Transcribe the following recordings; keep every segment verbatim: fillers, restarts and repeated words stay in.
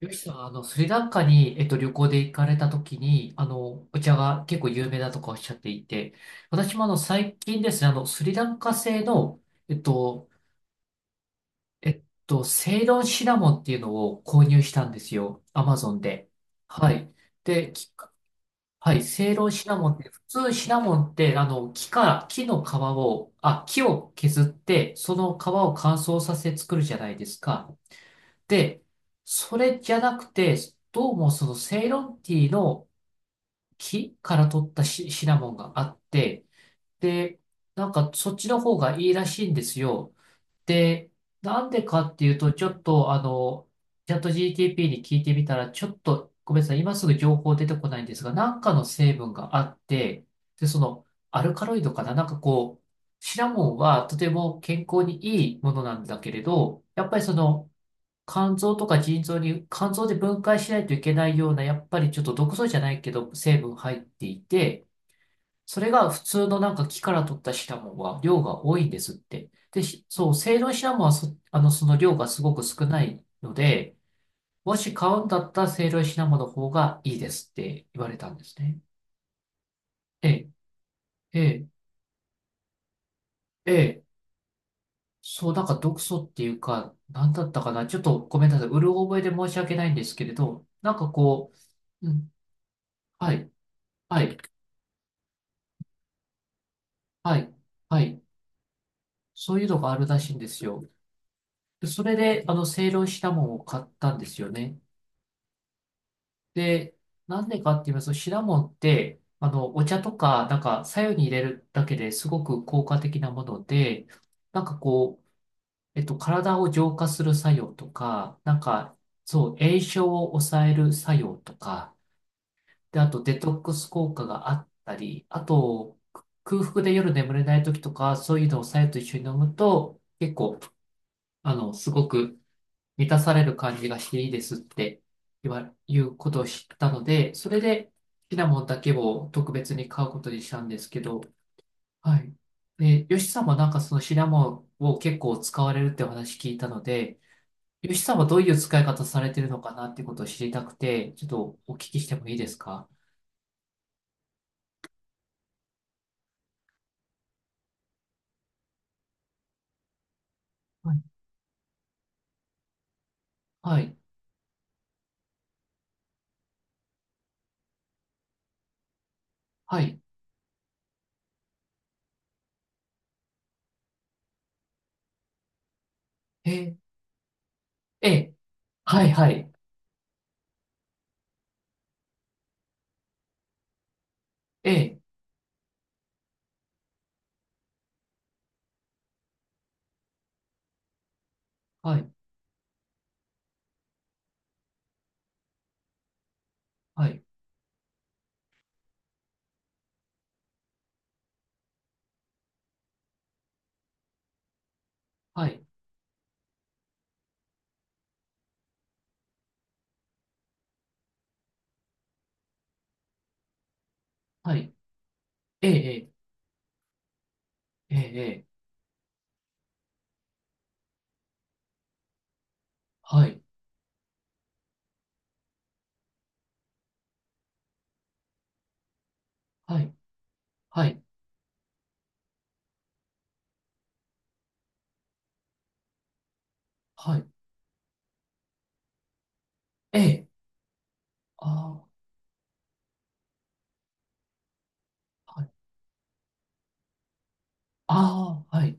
よしさん、あの、スリランカに、えっと、旅行で行かれた時に、あの、お茶が結構有名だとかおっしゃっていて、私もあの、最近ですね、あの、スリランカ製の、えっと、えっと、セイロンシナモンっていうのを購入したんですよ。アマゾンで。はい。で、きはい、セイロンシナモンって、普通シナモンって、あの、木から、木の皮を、あ、木を削って、その皮を乾燥させて作るじゃないですか。で、それじゃなくて、どうもそのセイロンティーの木から取ったシ、シナモンがあって、で、なんかそっちの方がいいらしいんですよ。で、なんでかっていうと、ちょっとあの、チャット ジーティーピー に聞いてみたら、ちょっとごめんなさい、今すぐ情報出てこないんですが、なんかの成分があって、で、そのアルカロイドかな、なんかこう、シナモンはとても健康にいいものなんだけれど、やっぱりその、肝臓とか腎臓に、肝臓で分解しないといけないような、やっぱりちょっと毒素じゃないけど、成分入っていて、それが普通のなんか木から取ったシナモンは量が多いんですって。で、しそう、セイロンシナモンはそ、あの、その量がすごく少ないので、もし買うんだったらセイロンシナモンの方がいいですって言われたんですね。ええ、ええ、ええ。そう、なんか毒素っていうか、なんだったかな。ちょっとごめんなさい。うる覚えで申し訳ないんですけれど、なんかこう、うん、はい。はい。はい。はい。そういうのがあるらしいんですよ。で、それで、あの、セイロンシナモンを買ったんですよね。で、なんでかって言いますと、シナモンって、あの、お茶とか、なんか、白湯に入れるだけですごく効果的なもので、なんかこう、えっと、体を浄化する作用とか、なんか、そう、炎症を抑える作用とか、で、あと、デトックス効果があったり、あと、空腹で夜眠れない時とか、そういうのを白湯と一緒に飲むと、結構、あの、すごく満たされる感じがしていいですって言わ、いうことを知ったので、それでシナモンだけを特別に買うことにしたんですけど、はい。で、ヨシさんもなんかそのシナモンを結構使われるってお話聞いたので、ヨシさんはどういう使い方されてるのかなってことを知りたくて、ちょっとお聞きしてもいいですか？はい。はい。はい。えー、えー、はい、はい。えー、はい、はい、はい、はい。えー、えー、えーえーはい、はい。はいはい。ええ。ああ、はい。ああ、はい。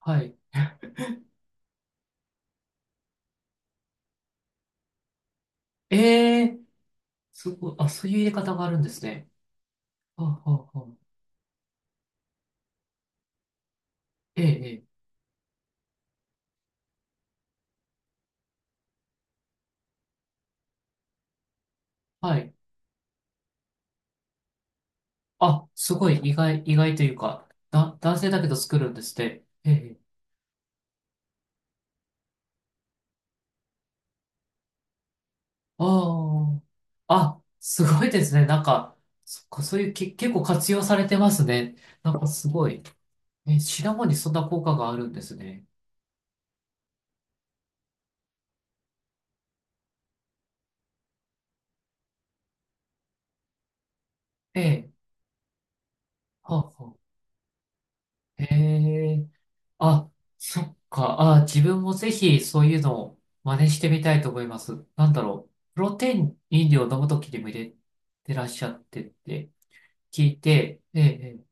はい。ええ、すごい。あ、そういう入れ方があるんですね。はあ、はあ、はあ。ええ、ええ。はい。あ、すごい。意外、意外というか、だ、男性だけど作るんですね。ええ。ああ。あ、すごいですね。なんか、そっか、そういうけ、結構活用されてますね。なんかすごい。え、シナモンにそんな効果があるんですね。ええ。はあ、はあ。ええ。あ、そっか。あ、自分もぜひそういうのを真似してみたいと思います。なんだろう。プロテイン飲料を飲むときにも入れてらっしゃってって聞いて、ええ、え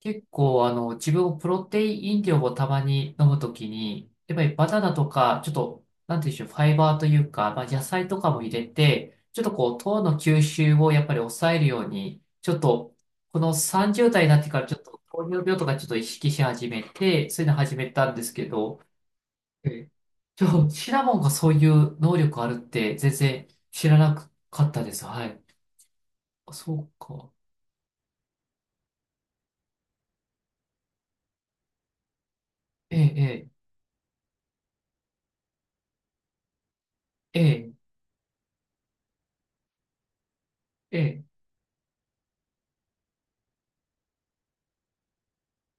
結構、あの、自分もプロテイン飲料をたまに飲むときに、やっぱりバナナとか、ちょっと、なんていうんでしょう、ファイバーというか、まあ、野菜とかも入れて、ちょっとこう、糖の吸収をやっぱり抑えるように、ちょっと、このさんじゅうだい代になってからちょっと糖尿病とかちょっと意識し始めて、そういうの始めたんですけど、えちょ、シナモンがそういう能力あるって全然知らなかったです。はい。あそうか。ええ、ええ、ええ、え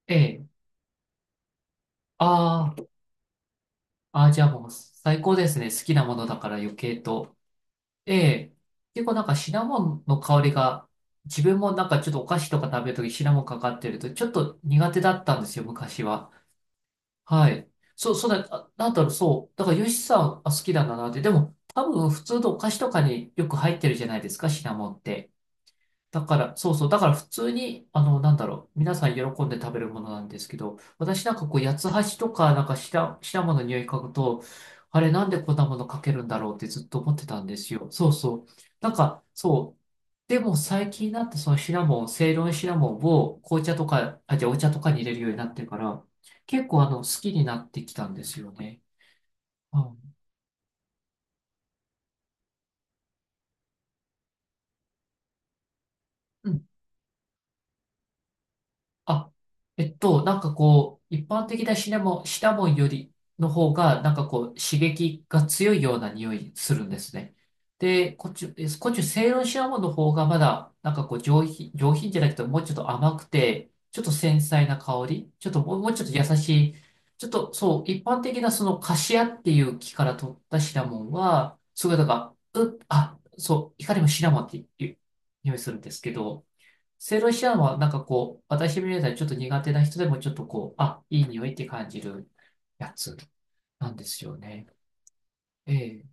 え、ええ、ああ。ああ、じゃあもう最高ですね。好きなものだから余計と。ええ。結構なんかシナモンの香りが、自分もなんかちょっとお菓子とか食べるときシナモンかかってると、ちょっと苦手だったんですよ、昔は。はい。そう、そうだ、あなんだろう、そう。だからヨシさん、あ、好きなんだなって。でも、多分普通のお菓子とかによく入ってるじゃないですか、シナモンって。だから、そうそう、だから普通に、あの、なんだろう、皆さん喜んで食べるものなんですけど、私なんかこう、八つ橋とか、なんか下、下もの匂い嗅ぐと、あれ、なんでこんなものかけるんだろうってずっと思ってたんですよ。そうそう。なんか、そう。でも最近になって、そのシナモン、セイロンシナモンを紅茶とか、あ、じゃあお茶とかに入れるようになってから、結構あの、好きになってきたんですよね。うんあ、えっと、なんかこう、一般的なシナモン、シナモンよりの方が、なんかこう、刺激が強いような匂いするんですね。で、こっち、えこっち、セイロンシナモンの方がまだ、なんかこう、上品、上品じゃなくて、もうちょっと甘くて、ちょっと繊細な香り、ちょっともう、もうちょっと優しい、ちょっとそう、一般的なそのカシアっていう木から取ったシナモンは、すごいなんか、う、あ、そう、いかにもシナモンっていう匂いするんですけど、セイロシアンはなんかこう、私みたいにちょっと苦手な人でもちょっとこう、あ、いい匂いって感じるやつなんですよね。ええ、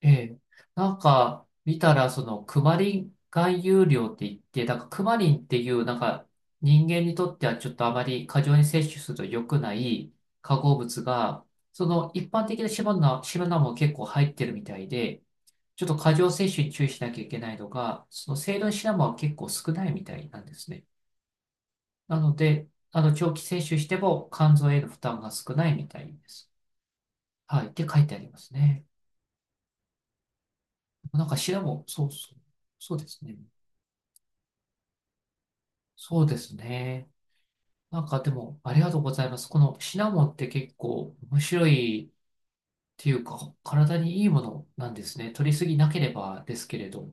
ええ。なんか見たらそのクマリン含有量って言って、なんかクマリンっていうなんか人間にとってはちょっとあまり過剰に摂取すると良くない化合物が、その一般的なシナナ、シナナも結構入ってるみたいで、ちょっと過剰摂取に注意しなきゃいけないのが、その成分シナモンは結構少ないみたいなんですね。なので、あの、長期摂取しても肝臓への負担が少ないみたいです。はい。って書いてありますね。なんか調べも、そうそう。そうですね。そうですね。なんかでも、ありがとうございます。このシナモンって結構面白いっていうか、体にいいものなんですね。取りすぎなければですけれど。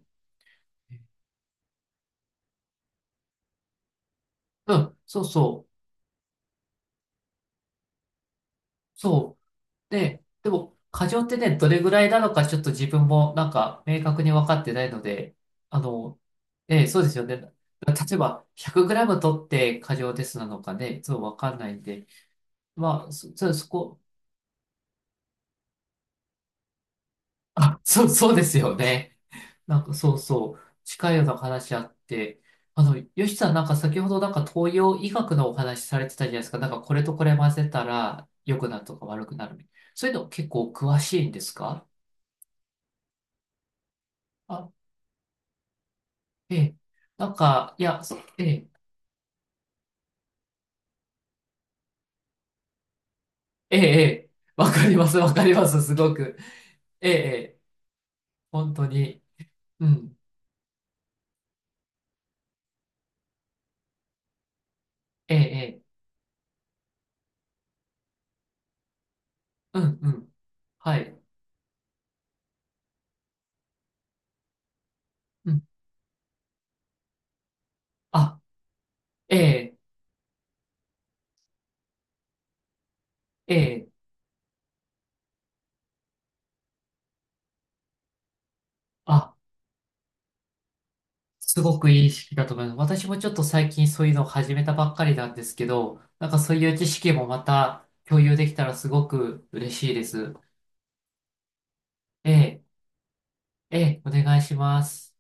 うん、そうそう。そう。で、でも、過剰ってね、どれぐらいなのか、ちょっと自分もなんか明確に分かってないので、あの、ええ、そうですよね。例えば、いち れい れいム取って過剰ですなのかね、そう分かんないんで、まあ、そ、そそこ、あ、そう、そうですよね。なんか、そうそう、近いような話あって、あの、よしさん、なんか先ほどなんか東洋医学のお話されてたじゃないですか。なんかこれとこれ混ぜたら良くなるとか悪くなるみたいな。そういうの結構詳しいんですか？あええ。なんか、いや、そ、ええ、ええ、ええわかります、わかります、すごく。ええ、ええ本当に。うん。ええ、ええうん、うん。はい。うん。あ、ええ、ええ、あ、すごくいい識だと思います。私もちょっと最近そういうのを始めたばっかりなんですけど、なんかそういう知識もまた共有できたらすごく嬉しいです。ええ、ええ、お願いします。